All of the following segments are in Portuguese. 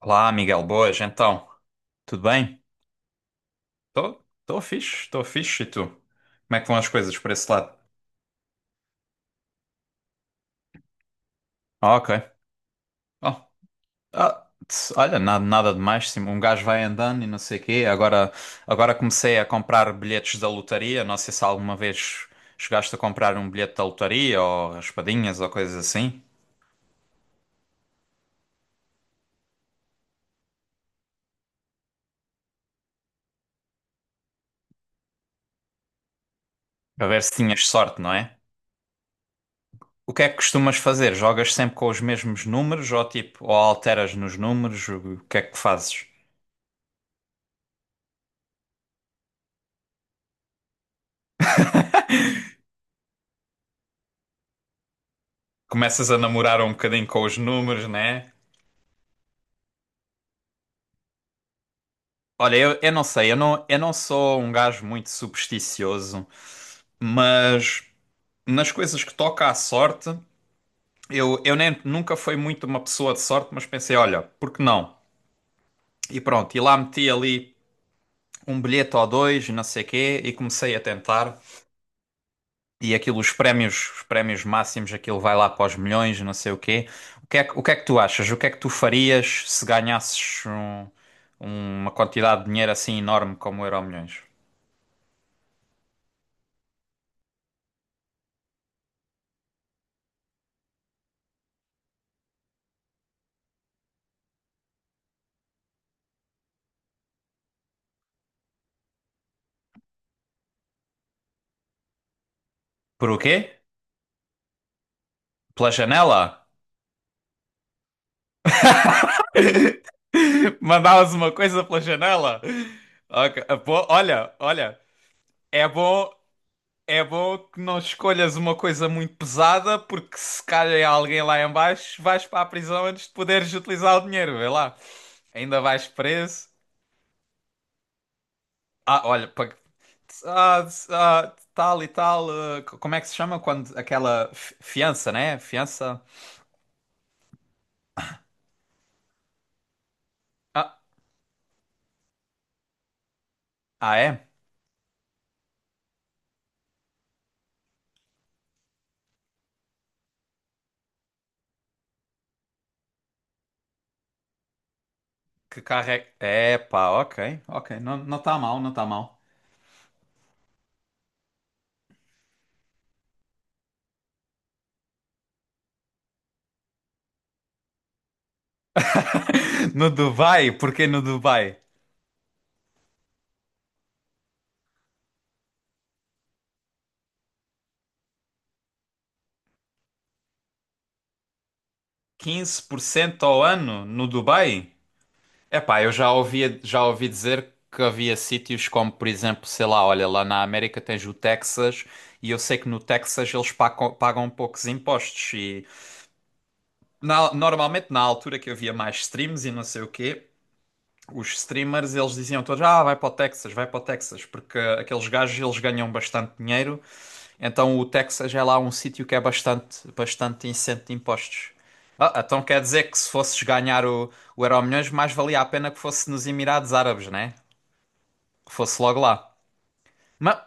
Olá, Miguel, boas, então, tudo bem? Estou tô fixe, estou fixe, e tu? Como é que vão as coisas por esse lado? Ah, ok. Oh, tss, olha, nada, nada demais, sim, um gajo vai andando e não sei o quê, agora comecei a comprar bilhetes da lotaria, não sei se alguma vez chegaste a comprar um bilhete da lotaria, ou raspadinhas, ou coisas assim, para ver se tinhas sorte, não é? O que é que costumas fazer? Jogas sempre com os mesmos números, ou tipo, ou alteras nos números, o que é que fazes? Começas a namorar um bocadinho com os números, né? Olha, eu não sei, eu não sou um gajo muito supersticioso, mas nas coisas que toca à sorte, eu nem, nunca fui muito uma pessoa de sorte, mas pensei, olha, por que não? E pronto, e lá meti ali um bilhete ou dois, e não sei quê, e comecei a tentar. E aquilo, os prémios máximos, aquilo vai lá para os milhões, não sei o quê. O que é que tu achas? O que é que tu farias se ganhasses uma quantidade de dinheiro assim enorme como o Euromilhões? Por o quê? Pela janela? Mandavas uma coisa pela janela? Ok, pô, Olha, é bom, É bom que não escolhas uma coisa muito pesada, porque se calha alguém lá em baixo, vais para a prisão antes de poderes utilizar o dinheiro, vê lá. Ainda vais preso. Ah, olha, tal e tal, como é que se chama quando aquela fiança, né? Fiança. Ah, ah, é? Que carrega. É, É, pá, ok, ok. Não, não está mal, não está mal. No Dubai, porquê no Dubai? 15% ao ano no Dubai? Epá, já ouvi dizer que havia sítios como, por exemplo, sei lá, olha, lá na América tens o Texas e eu sei que no Texas eles pagam poucos impostos e normalmente na altura que havia mais streams e não sei o quê, os streamers eles diziam todos, ah, vai para o Texas, vai para o Texas, porque aqueles gajos eles ganham bastante dinheiro, então o Texas é lá um sítio que é bastante, bastante isento de impostos. Ah, então quer dizer que se fosses ganhar o Euromilhões, mais valia a pena que fosse nos Emirados Árabes, né? Que fosse logo lá. Mas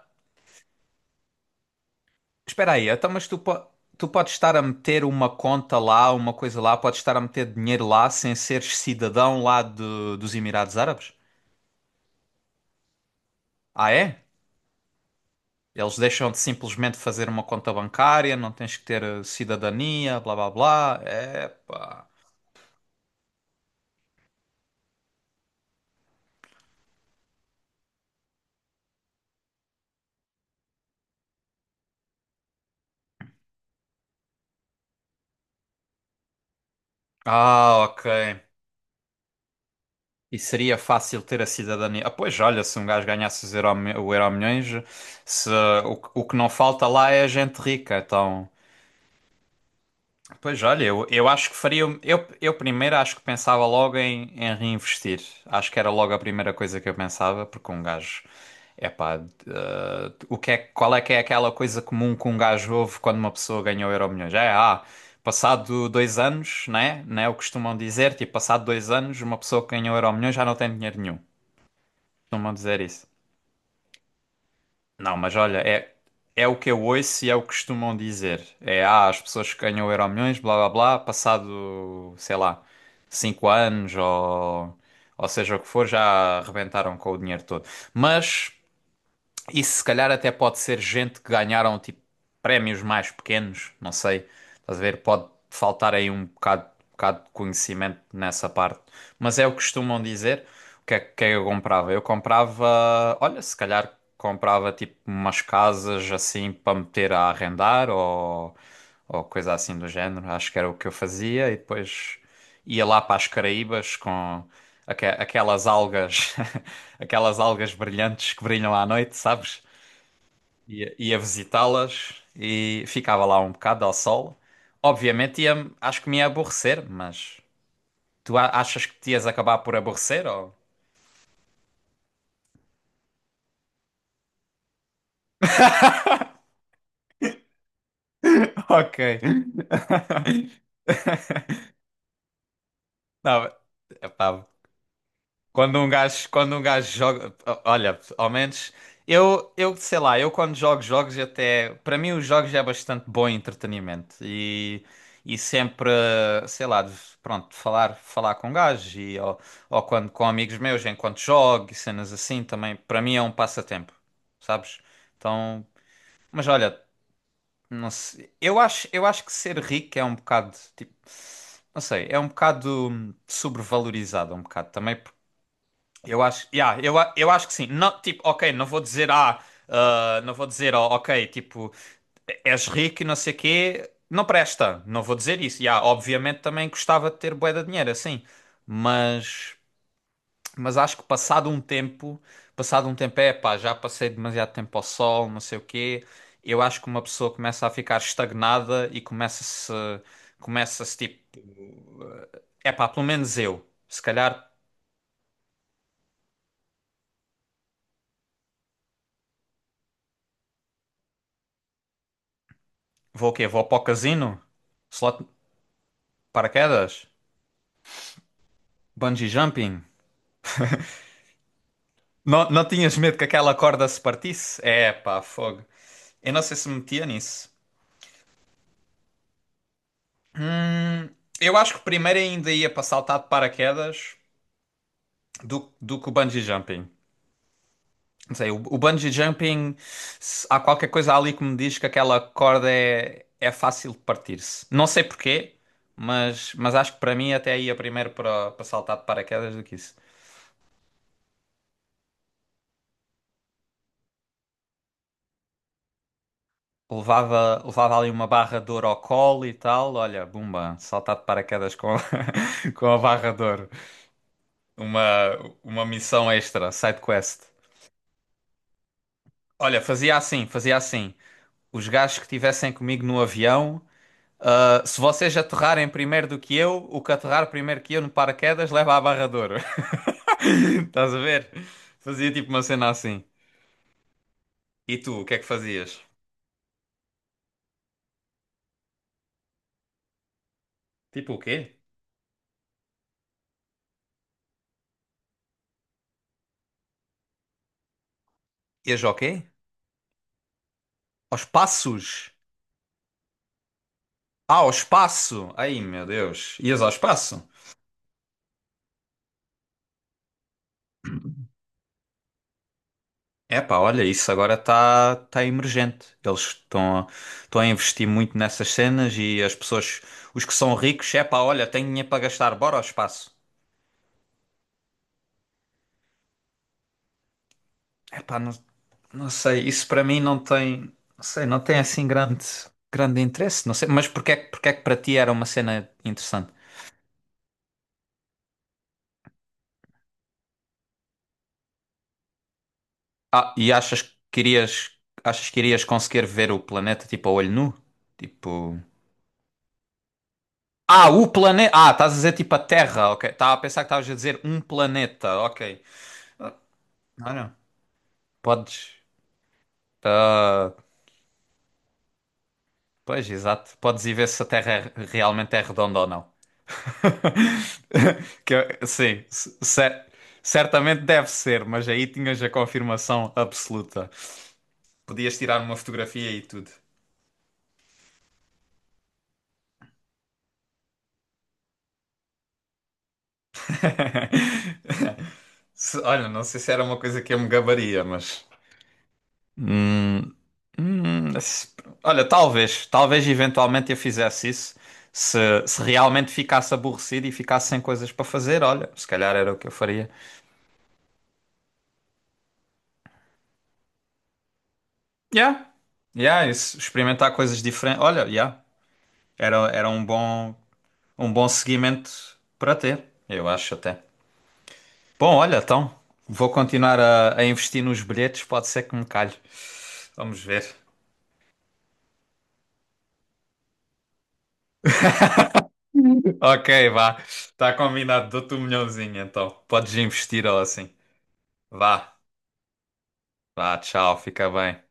espera aí, então, mas tu podes estar a meter uma conta lá, uma coisa lá, podes estar a meter dinheiro lá sem seres cidadão lá dos Emirados Árabes? Ah, é? Eles deixam-te simplesmente fazer uma conta bancária, não tens que ter cidadania, blá blá blá. Epá. Ah, ok. E seria fácil ter a cidadania. Ah, pois olha, se um gajo ganhasse o Euromilhões, se, o que não falta lá é gente rica, então. Pois olha, eu acho que faria. Eu primeiro acho que pensava logo em reinvestir. Acho que era logo a primeira coisa que eu pensava, porque um gajo. Epá, qual é que é aquela coisa comum que um gajo ouve quando uma pessoa ganhou Euromilhões? É, passado 2 anos, né? Né? O que costumam dizer, tipo, passado 2 anos, uma pessoa que ganhou Euromilhões já não tem dinheiro nenhum. Costumam dizer isso. Não, mas olha, é o que eu ouço e é o que costumam dizer. É, as pessoas que ganham o Euromilhões, blá blá blá, passado, sei lá, 5 anos ou seja o que for, já arrebentaram com o dinheiro todo. Mas. Isso se calhar até pode ser gente que ganharam tipo prémios mais pequenos, não sei. Estás a ver? Pode faltar aí um bocado de conhecimento nessa parte. Mas é o que costumam dizer. O que é que eu comprava? Eu comprava, olha, se calhar comprava tipo umas casas assim para meter a arrendar ou coisa assim do género. Acho que era o que eu fazia e depois ia lá para as Caraíbas com aquelas algas, aquelas algas brilhantes que brilham à noite, sabes? Ia visitá-las e ficava lá um bocado ao sol. Obviamente ia, acho que me ia aborrecer, mas tu achas que te ias acabar por aborrecer ou? Ok. Não, epá, Quando um gajo joga, olha, ao menos eu sei lá, eu quando jogo jogos até, para mim os jogos é bastante bom entretenimento e sempre, sei lá, pronto, falar com gajos e ou quando com amigos meus enquanto jogo e cenas assim também, para mim é um passatempo, sabes? Então, mas olha, não sei, eu acho que ser rico é um bocado tipo, não sei, é um bocado sobrevalorizado um bocado também eu acho, yeah, eu acho que sim. Não, tipo, ok, não vou dizer, não vou dizer, oh, ok, tipo, és rico e não sei quê, não presta. Não vou dizer isso. Yeah, obviamente também gostava de ter bué de dinheiro, assim. Mas, mas acho que passado um tempo, é pá, já passei demasiado tempo ao sol, não sei o quê. Eu acho que uma pessoa começa a ficar estagnada e começa-se tipo, é pá, pelo menos eu. Se calhar vou o quê? Vou para o casino? Slot paraquedas? Bungee jumping? Não, não tinhas medo que aquela corda se partisse? É, pá, fogo. Eu não sei se me metia nisso. Hum, eu acho que primeiro ainda ia para saltar de paraquedas do que o bungee jumping. Não sei, o bungee jumping, há qualquer coisa ali que me diz que aquela corda é fácil de partir-se. Não sei porquê, mas acho que para mim até ia primeiro para saltar de paraquedas do que isso. Levava ali uma barra de ouro ao colo e tal. Olha, bumba, saltar de paraquedas com, com a barra de ouro. Uma, uma missão extra, side quest. Olha, fazia assim, fazia assim. Os gajos que estivessem comigo no avião, se vocês aterrarem primeiro do que eu, o que aterrar primeiro que eu no paraquedas leva a barra de ouro. Estás a ver? Fazia tipo uma cena assim. E tu, o que é que fazias? Tipo o quê? Ias ao quê? Aos passos. Ah, ao espaço! Ai, meu Deus. Ias ao espaço? Epá, olha, isso agora está emergente. Eles estão a investir muito nessas cenas e as pessoas, os que são ricos, epá, olha, tenho dinheiro para gastar, bora ao espaço. Epá, não, não sei, isso para mim não tem, não sei, não tem assim grande, grande interesse, não sei, mas porque é que para ti era uma cena interessante? Ah, e que irias, achas que irias conseguir ver o planeta tipo a olho nu? Tipo. Ah, o planeta. Ah, estás a dizer tipo a Terra, ok. Estava a pensar que estavas a dizer um planeta, ok. Não, não. Podes. ah, Pois, exato. Podes ir ver se a Terra realmente é redonda ou não. Sim, certamente deve ser, mas aí tinhas a confirmação absoluta. Podias tirar uma fotografia e tudo. Olha, não sei se era uma coisa que eu me gabaria, mas. Hum, Hum, se- olha, talvez eventualmente eu fizesse isso se, se realmente ficasse aborrecido e ficasse sem coisas para fazer. Olha, se calhar era o que eu faria. Yeah, yeah, isso, experimentar coisas diferentes. Olha, yeah, era um bom seguimento para ter, eu acho até. Bom, olha, então vou continuar a investir nos bilhetes, pode ser que me calhe. Vamos ver. Ok, vá, está combinado, dou-te um milhãozinho então, podes investir ou assim. Vá. Vá, tchau, fica bem.